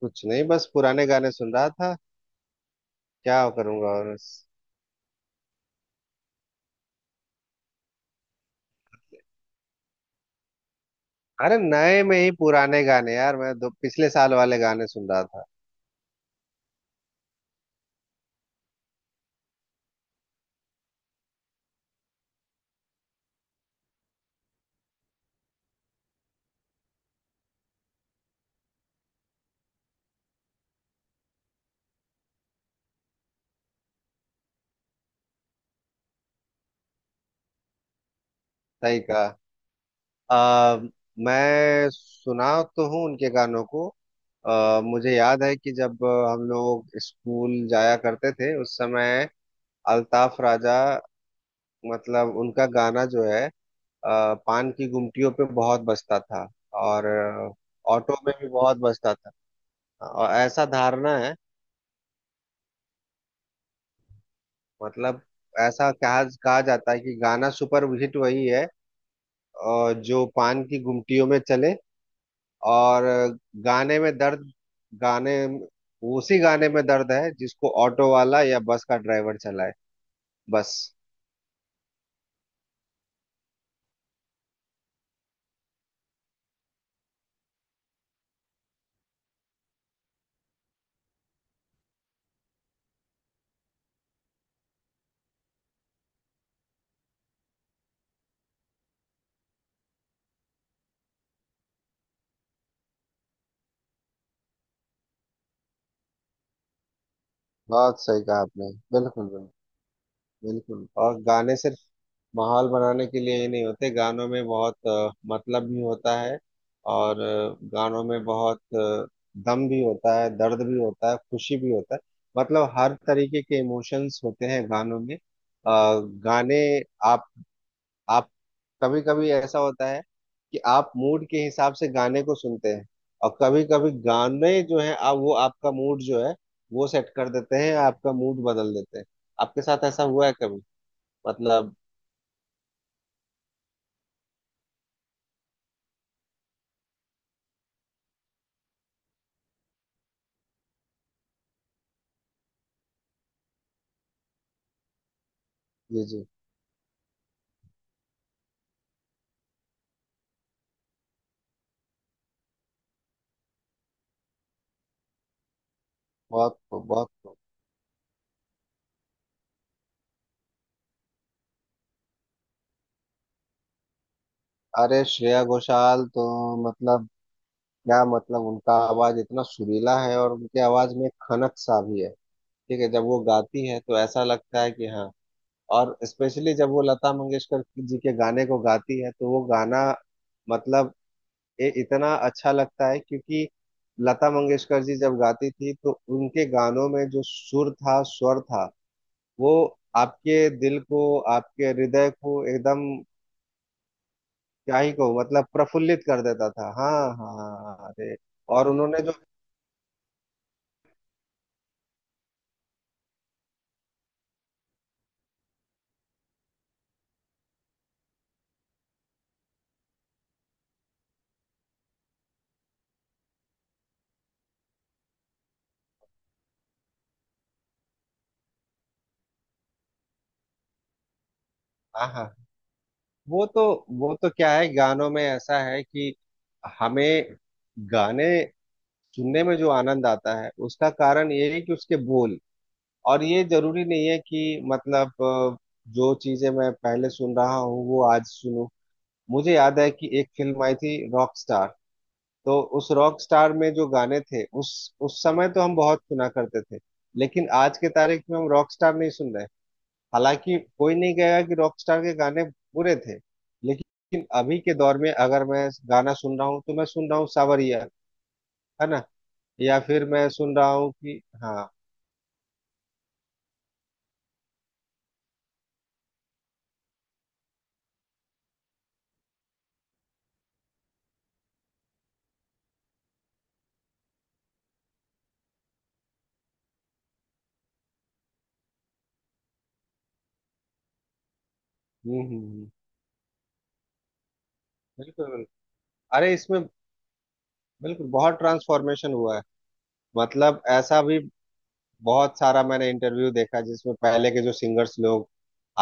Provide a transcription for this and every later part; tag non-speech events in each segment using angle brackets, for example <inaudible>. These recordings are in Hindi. कुछ नहीं, बस पुराने गाने सुन रहा था। क्या करूंगा, और बस-। अरे नए में ही पुराने गाने यार। मैं दो पिछले साल वाले गाने सुन रहा था। सही कहा। आ, मैं सुना तो हूँ उनके गानों को। मुझे याद है कि जब हम लोग स्कूल जाया करते थे उस समय अल्ताफ राजा, मतलब उनका गाना जो है, पान की गुमटियों पे बहुत बजता था। और ऑटो में भी बहुत बजता था। और ऐसा धारणा है, मतलब ऐसा कहा कहा जाता है कि गाना सुपर हिट वही है, और जो पान की गुमटियों में चले। और गाने में दर्द गाने उसी गाने में दर्द है जिसको ऑटो वाला या बस का ड्राइवर चलाए। बस। बहुत सही कहा आपने, बिल्कुल बिल्कुल। बिल्कुल। और गाने सिर्फ माहौल बनाने के लिए ही नहीं होते, गानों में बहुत मतलब भी होता है। और गानों में बहुत दम भी होता है, दर्द भी होता है, खुशी भी होता है। मतलब हर तरीके के इमोशंस होते हैं गानों में। अ, गाने आप आप कभी कभी ऐसा होता है कि आप मूड के हिसाब से गाने को सुनते हैं। और कभी कभी गाने जो है, आप वो, आपका मूड जो है वो सेट कर देते हैं, आपका मूड बदल देते हैं। आपके साथ ऐसा हुआ है कभी? मतलब। जी। बहुत खूब, बहुत खूब। अरे श्रेया घोषाल तो, मतलब, क्या मतलब, उनका आवाज इतना सुरीला है, और उनके आवाज में खनक सा भी है। ठीक है, जब वो गाती है तो ऐसा लगता है कि हाँ। और स्पेशली जब वो लता मंगेशकर जी के गाने को गाती है तो वो गाना, मतलब, ये इतना अच्छा लगता है क्योंकि लता मंगेशकर जी जब गाती थी तो उनके गानों में जो सुर था, स्वर था, वो आपके दिल को, आपके हृदय को एकदम, क्या ही कहूँ, मतलब प्रफुल्लित कर देता था। हाँ, हाँ हाँ, हाँ, अरे, और उन्होंने जो। हाँ हाँ। वो तो वो तो क्या है, गानों में ऐसा है कि हमें गाने सुनने में जो आनंद आता है उसका कारण ये है कि उसके बोल। और ये जरूरी नहीं है कि मतलब, जो चीजें मैं पहले सुन रहा हूँ वो आज सुनूं। मुझे याद है कि एक फिल्म आई थी रॉक। तो उस रॉक स्टार में जो गाने थे उस समय तो हम बहुत सुना करते थे। लेकिन आज के तारीख में हम रॉक स्टार नहीं सुन रहे। हालांकि कोई नहीं कहेगा कि रॉक स्टार के गाने बुरे थे। लेकिन अभी के दौर में अगर मैं गाना सुन रहा हूँ तो मैं सुन रहा हूँ सावरिया, है ना। या फिर मैं सुन रहा हूँ कि हाँ। हम्म। बिल्कुल बिल्कुल। अरे इसमें बिल्कुल बहुत ट्रांसफॉर्मेशन हुआ है। मतलब ऐसा भी बहुत सारा मैंने इंटरव्यू देखा जिसमें पहले के जो सिंगर्स लोग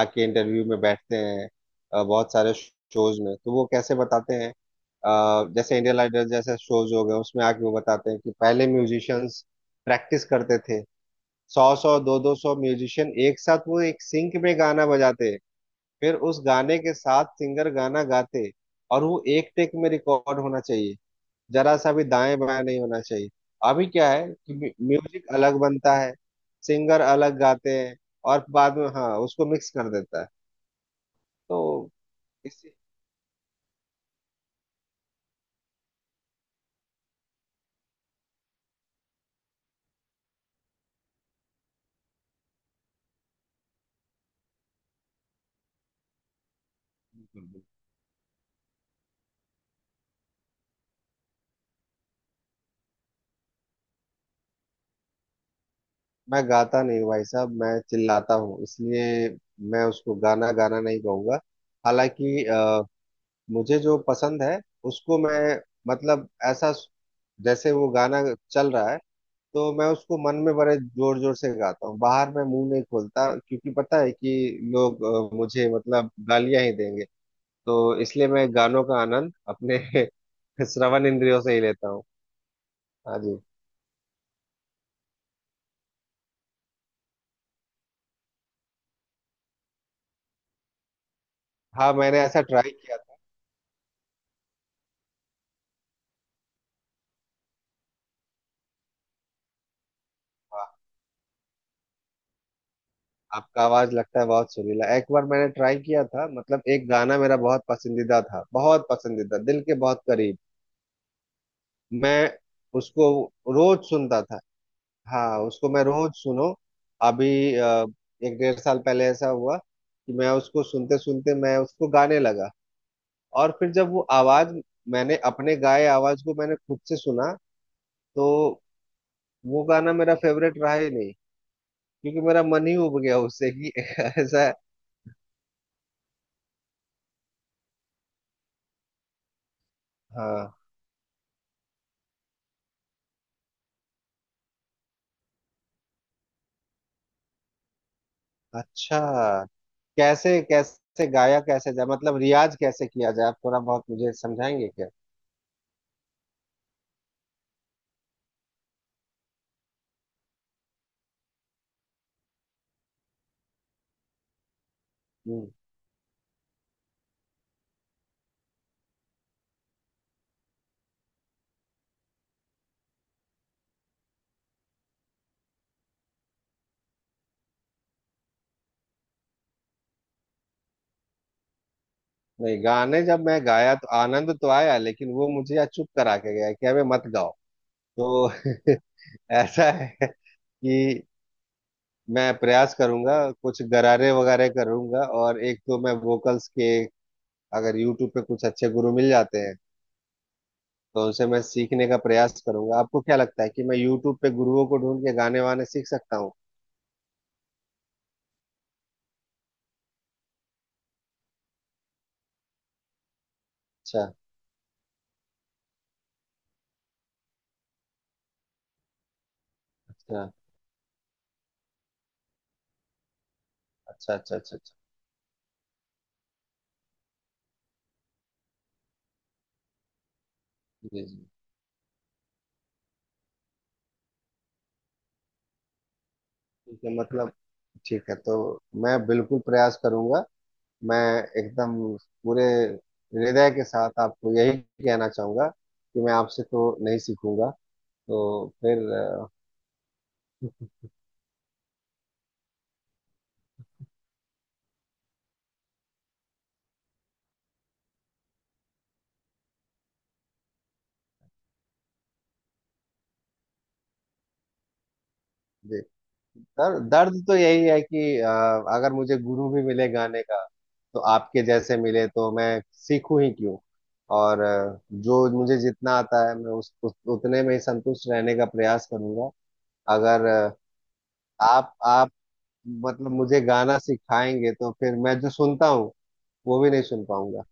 आके इंटरव्यू में बैठते हैं। बहुत सारे शोज में तो वो कैसे बताते हैं, जैसे इंडियन आइडल जैसे शोज हो गए, उसमें आके वो बताते हैं कि पहले म्यूजिशियंस प्रैक्टिस करते थे, 100-100, 200-200 म्यूजिशियन एक साथ, वो एक सिंक में गाना बजाते, फिर उस गाने के साथ सिंगर गाना गाते, और वो एक टेक में रिकॉर्ड होना चाहिए, जरा सा भी दाएं बाएं नहीं होना चाहिए। अभी क्या है कि म्यूजिक अलग बनता है, सिंगर अलग गाते हैं, और बाद में हाँ, उसको मिक्स कर देता है, तो इसी। बिल्कुल, बिल्कुल। मैं गाता नहीं हूँ भाई साहब, मैं चिल्लाता हूँ, इसलिए मैं उसको गाना गाना नहीं कहूँगा। हालांकि मुझे जो पसंद है उसको मैं, मतलब ऐसा, जैसे वो गाना चल रहा है तो मैं उसको मन में बड़े जोर जोर से गाता हूँ, बाहर मैं मुंह नहीं खोलता क्योंकि पता है कि लोग मुझे मतलब गालियां ही देंगे। तो इसलिए मैं गानों का आनंद अपने <laughs> श्रवण इंद्रियों से ही लेता हूँ। हाँ जी। हाँ, मैंने ऐसा ट्राई किया था। वाह, आपका आवाज लगता है बहुत सुरीला। एक बार मैंने ट्राई किया था, मतलब एक गाना मेरा बहुत पसंदीदा था, बहुत पसंदीदा, दिल के बहुत करीब। मैं उसको रोज सुनता था। हाँ, उसको मैं रोज सुनो। अभी अ, 1-1.5 साल पहले ऐसा हुआ कि मैं उसको सुनते सुनते मैं उसको गाने लगा। और फिर जब वो आवाज मैंने अपने गाए आवाज को मैंने खुद से सुना, तो वो गाना मेरा फेवरेट रहा ही नहीं, क्योंकि मेरा मन ही उब गया उससे कि <laughs> ऐसा है। हाँ, अच्छा, कैसे कैसे गाया, कैसे जाए, मतलब रियाज कैसे किया जाए, आप थोड़ा बहुत मुझे समझाएंगे क्या? हम्म। नहीं गाने, जब मैं गाया तो आनंद तो आया, लेकिन वो मुझे आज चुप करा के गया कि अबे मत गाओ। तो <laughs> ऐसा है कि मैं प्रयास करूंगा, कुछ गरारे वगैरह करूंगा, और एक तो मैं वोकल्स के, अगर यूट्यूब पे कुछ अच्छे गुरु मिल जाते हैं तो उनसे मैं सीखने का प्रयास करूंगा। आपको क्या लगता है कि मैं यूट्यूब पे गुरुओं को ढूंढ के गाने वाने सीख सकता हूँ? अच्छा अच्छा अच्छा अच्छा, अच्छा अच्छा, जी जी। ठीक है, मतलब ठीक है, तो मैं बिल्कुल प्रयास करूंगा। मैं एकदम पूरे हृदय के साथ आपको यही कहना चाहूंगा कि मैं आपसे तो नहीं सीखूंगा। तो फिर दे- दर्द दर्द तो यही है कि अगर मुझे गुरु भी मिले गाने का, तो आपके जैसे मिले तो मैं सीखूं ही क्यों। और जो मुझे जितना आता है मैं उस उतने में ही संतुष्ट रहने का प्रयास करूंगा। अगर आप आप मतलब मुझे गाना सिखाएंगे तो फिर मैं जो सुनता हूँ वो भी नहीं सुन पाऊंगा।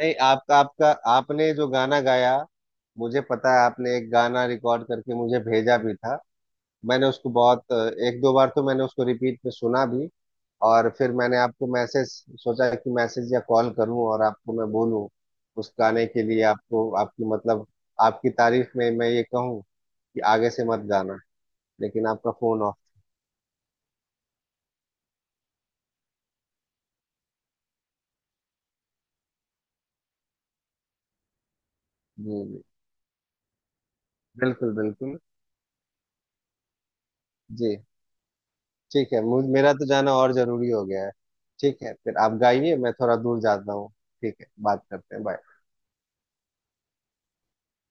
नहीं, आपका आपका आपने जो गाना गाया, मुझे पता है, आपने एक गाना रिकॉर्ड करके मुझे भेजा भी था। मैंने उसको बहुत, 1-2 बार तो मैंने उसको रिपीट में सुना भी। और फिर मैंने आपको मैसेज सोचा कि मैसेज या कॉल करूं और आपको मैं बोलूं, उस गाने के लिए आपको आपकी, मतलब आपकी तारीफ में मैं ये कहूं कि आगे से मत गाना, लेकिन आपका फोन ऑफ। जी जी, बिल्कुल बिल्कुल, जी। ठीक है, मुझ मेरा तो जाना और जरूरी हो गया है। ठीक है, फिर आप गाइए, मैं थोड़ा दूर जाता हूँ। ठीक है, बात करते हैं, बाय।